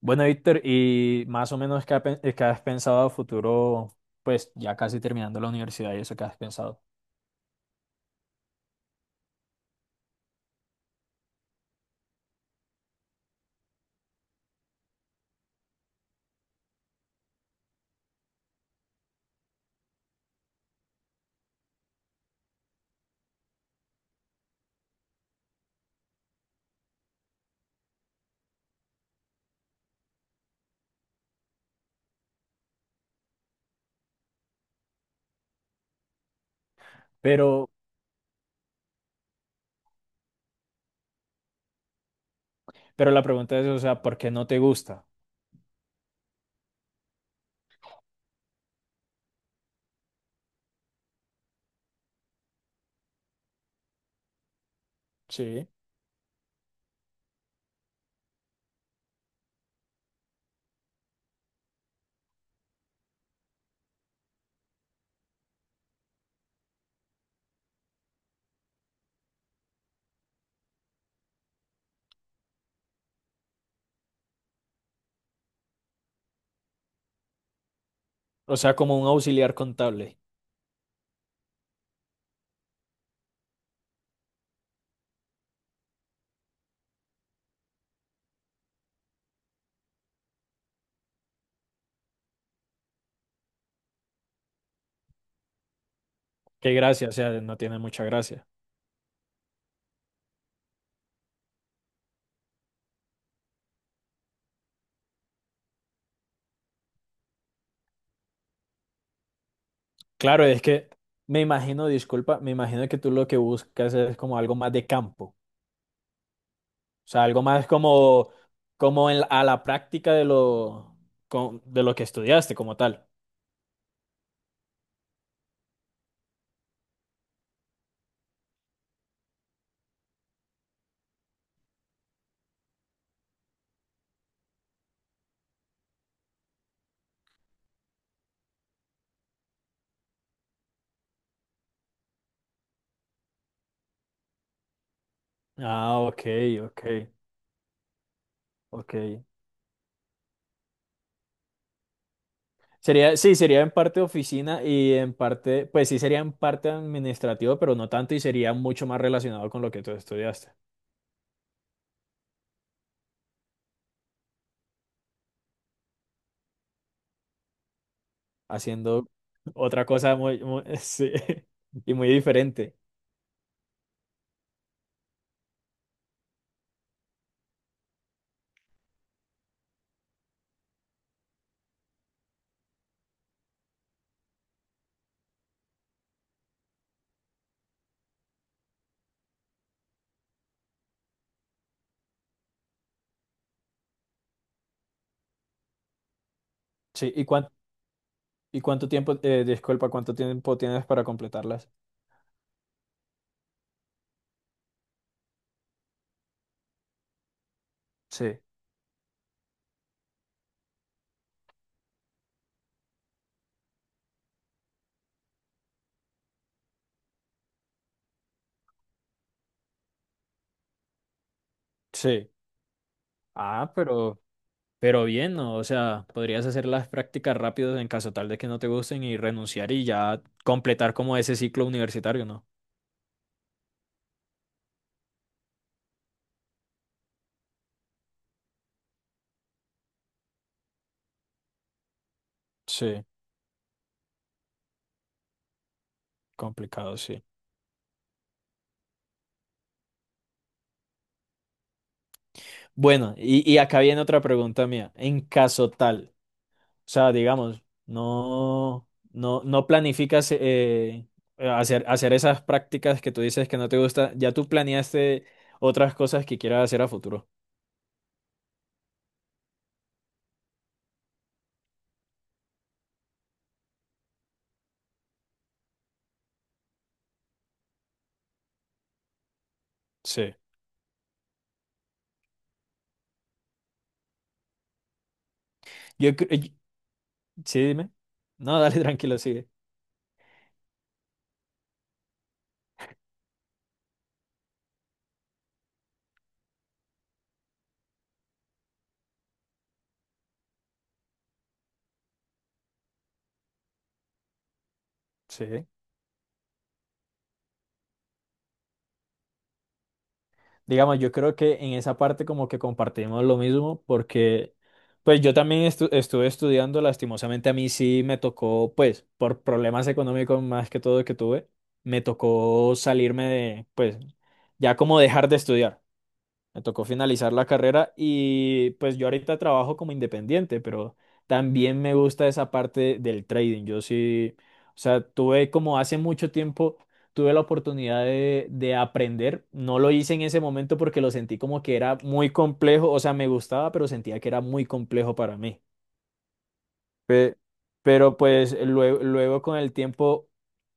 Bueno, Víctor, y más o menos qué has pensado a futuro, pues ya casi terminando la universidad y eso que has pensado. Pero, pero la pregunta es, o sea, ¿por qué no te gusta? Sí. O sea, como un auxiliar contable. Qué gracia, o sea, no tiene mucha gracia. Claro, es que me imagino, disculpa, me imagino que tú lo que buscas es como algo más de campo. O sea, algo más como en a la práctica de lo que estudiaste como tal. Ah, ok, ok, ok. Sería, sí, sería en parte oficina y en parte, pues sí sería en parte administrativo, pero no tanto y sería mucho más relacionado con lo que tú estudiaste, haciendo otra cosa muy, sí, y muy diferente. Sí, ¿y cuánto tiempo, disculpa, cuánto tiempo tienes para completarlas? Sí. Sí. Ah, pero bien, ¿no? O sea, podrías hacer las prácticas rápidas en caso tal de que no te gusten y renunciar y ya completar como ese ciclo universitario, ¿no? Sí, complicado, sí. Bueno, y acá viene otra pregunta mía. En caso tal, o sea, digamos, no, no, no planificas hacer esas prácticas que tú dices que no te gusta, ya tú planeaste otras cosas que quieras hacer a futuro. Sí. Yo, cre- y- sí, dime. No, dale, tranquilo, sigue. Sí. Digamos, yo creo que en esa parte como que compartimos lo mismo porque pues yo también estuve estudiando, lastimosamente a mí sí me tocó, pues por problemas económicos más que todo que tuve, me tocó salirme de, pues ya como dejar de estudiar. Me tocó finalizar la carrera y pues yo ahorita trabajo como independiente, pero también me gusta esa parte del trading. Yo sí, o sea, tuve como hace mucho tiempo, tuve la oportunidad de aprender. No lo hice en ese momento porque lo sentí como que era muy complejo, o sea, me gustaba, pero sentía que era muy complejo para mí. Pe- Pero pues luego con el tiempo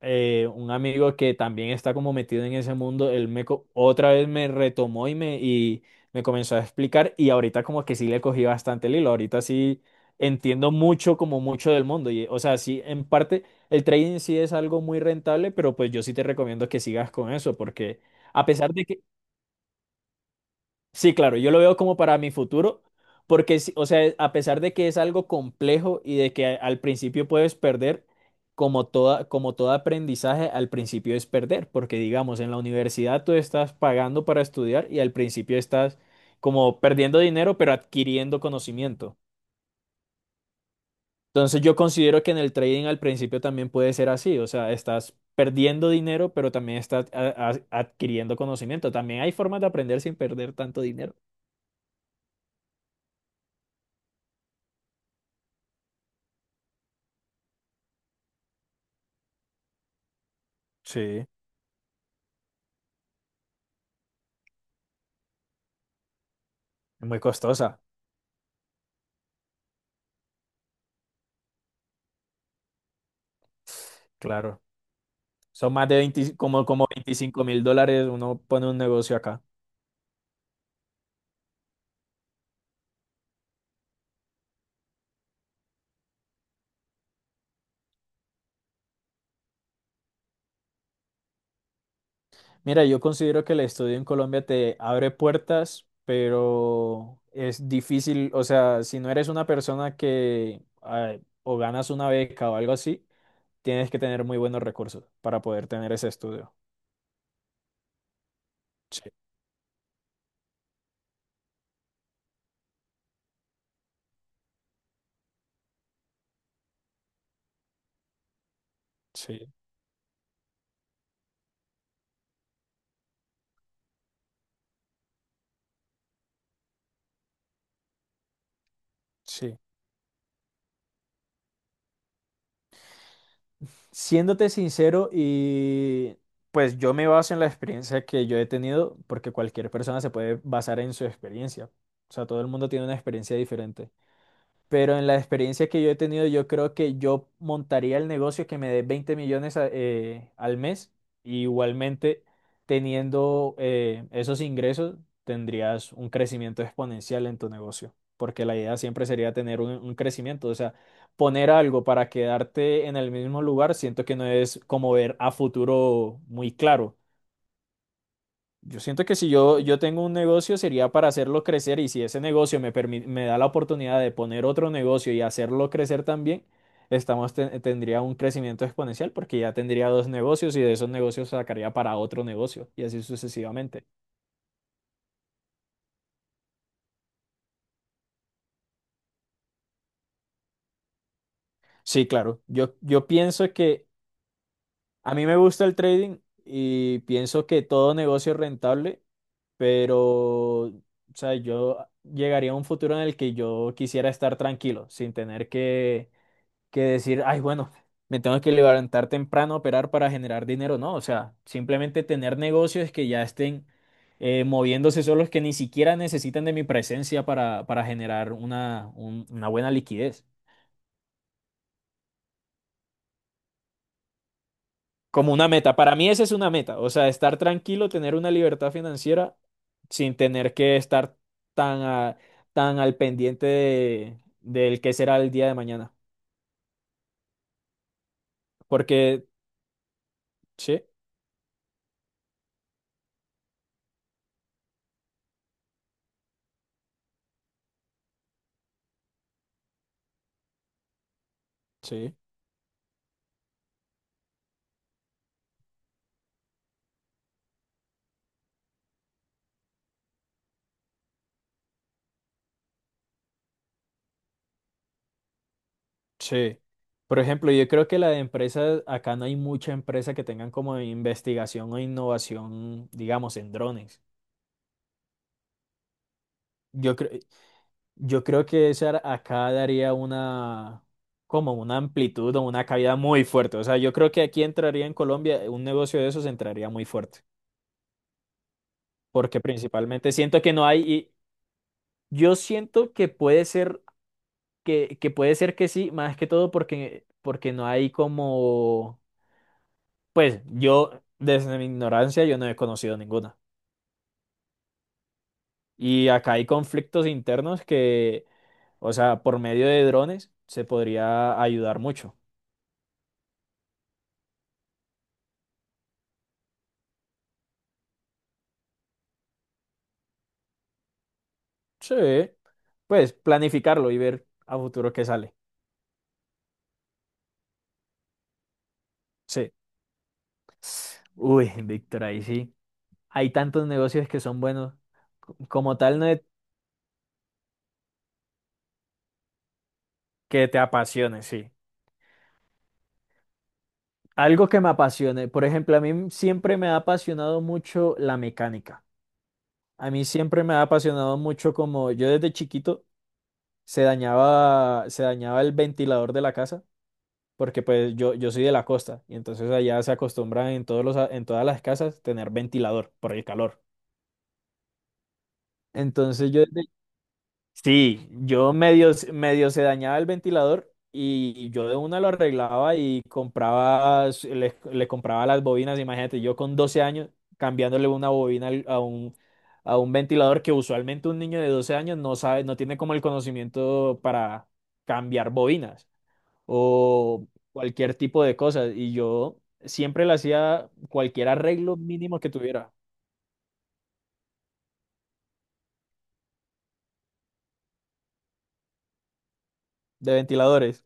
un amigo que también está como metido en ese mundo, él otra vez me retomó y me comenzó a explicar y ahorita como que sí le cogí bastante el hilo, ahorita sí entiendo mucho como mucho del mundo y o sea, sí en parte el trading sí es algo muy rentable, pero pues yo sí te recomiendo que sigas con eso porque a pesar de que Sí, claro, yo lo veo como para mi futuro, porque, sí, o sea, a pesar de que es algo complejo y de que al principio puedes perder, como toda, como todo aprendizaje, al principio es perder, porque digamos, en la universidad tú estás pagando para estudiar y al principio estás como perdiendo dinero, pero adquiriendo conocimiento. Entonces yo considero que en el trading al principio también puede ser así, o sea, estás perdiendo dinero, pero también estás adquiriendo conocimiento. También hay formas de aprender sin perder tanto dinero. Sí. Es muy costosa, claro. Son más de 20, como 25.000 dólares, uno pone un negocio acá. Mira, yo considero que el estudio en Colombia te abre puertas, pero es difícil, o sea, si no eres una persona que ay, o ganas una beca o algo así, tienes que tener muy buenos recursos para poder tener ese estudio. Sí, sí, sí. Siéndote sincero y pues yo me baso en la experiencia que yo he tenido porque cualquier persona se puede basar en su experiencia. O sea, todo el mundo tiene una experiencia diferente. Pero en la experiencia que yo he tenido, yo creo que yo montaría el negocio que me dé 20 millones al mes. Y igualmente, teniendo esos ingresos, tendrías un crecimiento exponencial en tu negocio. Porque la idea siempre sería tener un crecimiento. O sea, poner algo para quedarte en el mismo lugar, siento que no es como ver a futuro muy claro. Yo siento que si yo tengo un negocio sería para hacerlo crecer y si ese negocio me da la oportunidad de poner otro negocio y hacerlo crecer también, tendría un crecimiento exponencial porque ya tendría dos negocios y de esos negocios sacaría para otro negocio y así sucesivamente. Sí, claro, yo pienso que a mí me gusta el trading y pienso que todo negocio es rentable, pero o sea, yo llegaría a un futuro en el que yo quisiera estar tranquilo, sin tener que decir, ay, bueno, me tengo que levantar temprano a operar para generar dinero. No, o sea, simplemente tener negocios que ya estén moviéndose solos, que ni siquiera necesitan de mi presencia para generar una buena liquidez. Como una meta. Para mí esa es una meta. O sea, estar tranquilo, tener una libertad financiera sin tener que estar tan, a- tan al pendiente de, del qué será el día de mañana. Porque, sí, sí. Sí. Por ejemplo, yo creo que la de empresas, acá no hay mucha empresa que tengan como investigación o innovación, digamos, en drones. Yo creo, yo creo que esa acá daría como una amplitud o una caída muy fuerte. O sea, yo creo que aquí entraría en Colombia, un negocio de esos entraría muy fuerte. Porque principalmente siento que no hay, y yo siento que puede ser que puede ser que sí, más que todo porque no hay como Pues yo, desde mi ignorancia, yo no he conocido ninguna. Y acá hay conflictos internos que, o sea, por medio de drones se podría ayudar mucho. Sí. Pues planificarlo y ver a futuro qué sale. Sí. Uy, Víctor, ahí sí. Hay tantos negocios que son buenos. Como tal, no es que te apasione, sí. Algo que me apasione. Por ejemplo, a mí siempre me ha apasionado mucho la mecánica. A mí siempre me ha apasionado mucho como yo desde chiquito. Se dañaba el ventilador de la casa, porque pues yo soy de la costa, y entonces allá se acostumbran en todos los, a- en todas las casas tener ventilador por el calor. Entonces yo, sí, yo medio se dañaba el ventilador y yo de una lo arreglaba y compraba, le compraba las bobinas, imagínate, yo con 12 años cambiándole una bobina a un ventilador que usualmente un niño de 12 años no sabe, no tiene como el conocimiento para cambiar bobinas. O cualquier tipo de cosas. Y yo siempre le hacía cualquier arreglo mínimo que tuviera de ventiladores.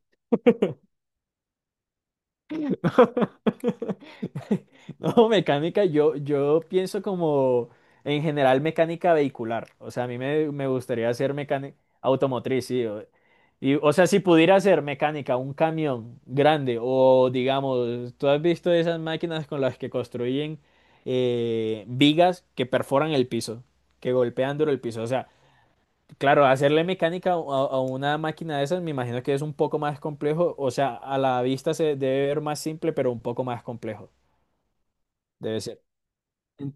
No, mecánica, yo pienso como en general mecánica vehicular. O sea, a mí me gustaría hacer mecánica automotriz, sí. O sea, si pudiera hacer mecánica, un camión grande o digamos, tú has visto esas máquinas con las que construyen vigas que perforan el piso, que golpean duro el piso. O sea, claro, hacerle mecánica a una máquina de esas me imagino que es un poco más complejo, o sea, a la vista se debe ver más simple, pero un poco más complejo, debe ser. En-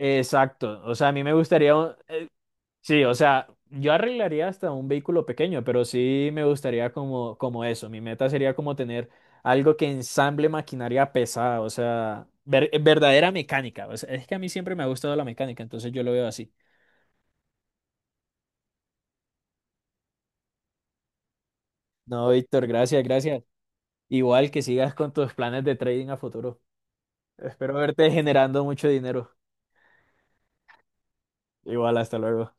Exacto, o sea, a mí me gustaría, sí, o sea, yo arreglaría hasta un vehículo pequeño, pero sí me gustaría como, eso, mi meta sería como tener algo que ensamble maquinaria pesada, o sea, verdadera mecánica, o sea, es que a mí siempre me ha gustado la mecánica, entonces yo lo veo así. No, Víctor, gracias, gracias. Igual que sigas con tus planes de trading a futuro. Espero verte generando mucho dinero. Igual, hasta luego.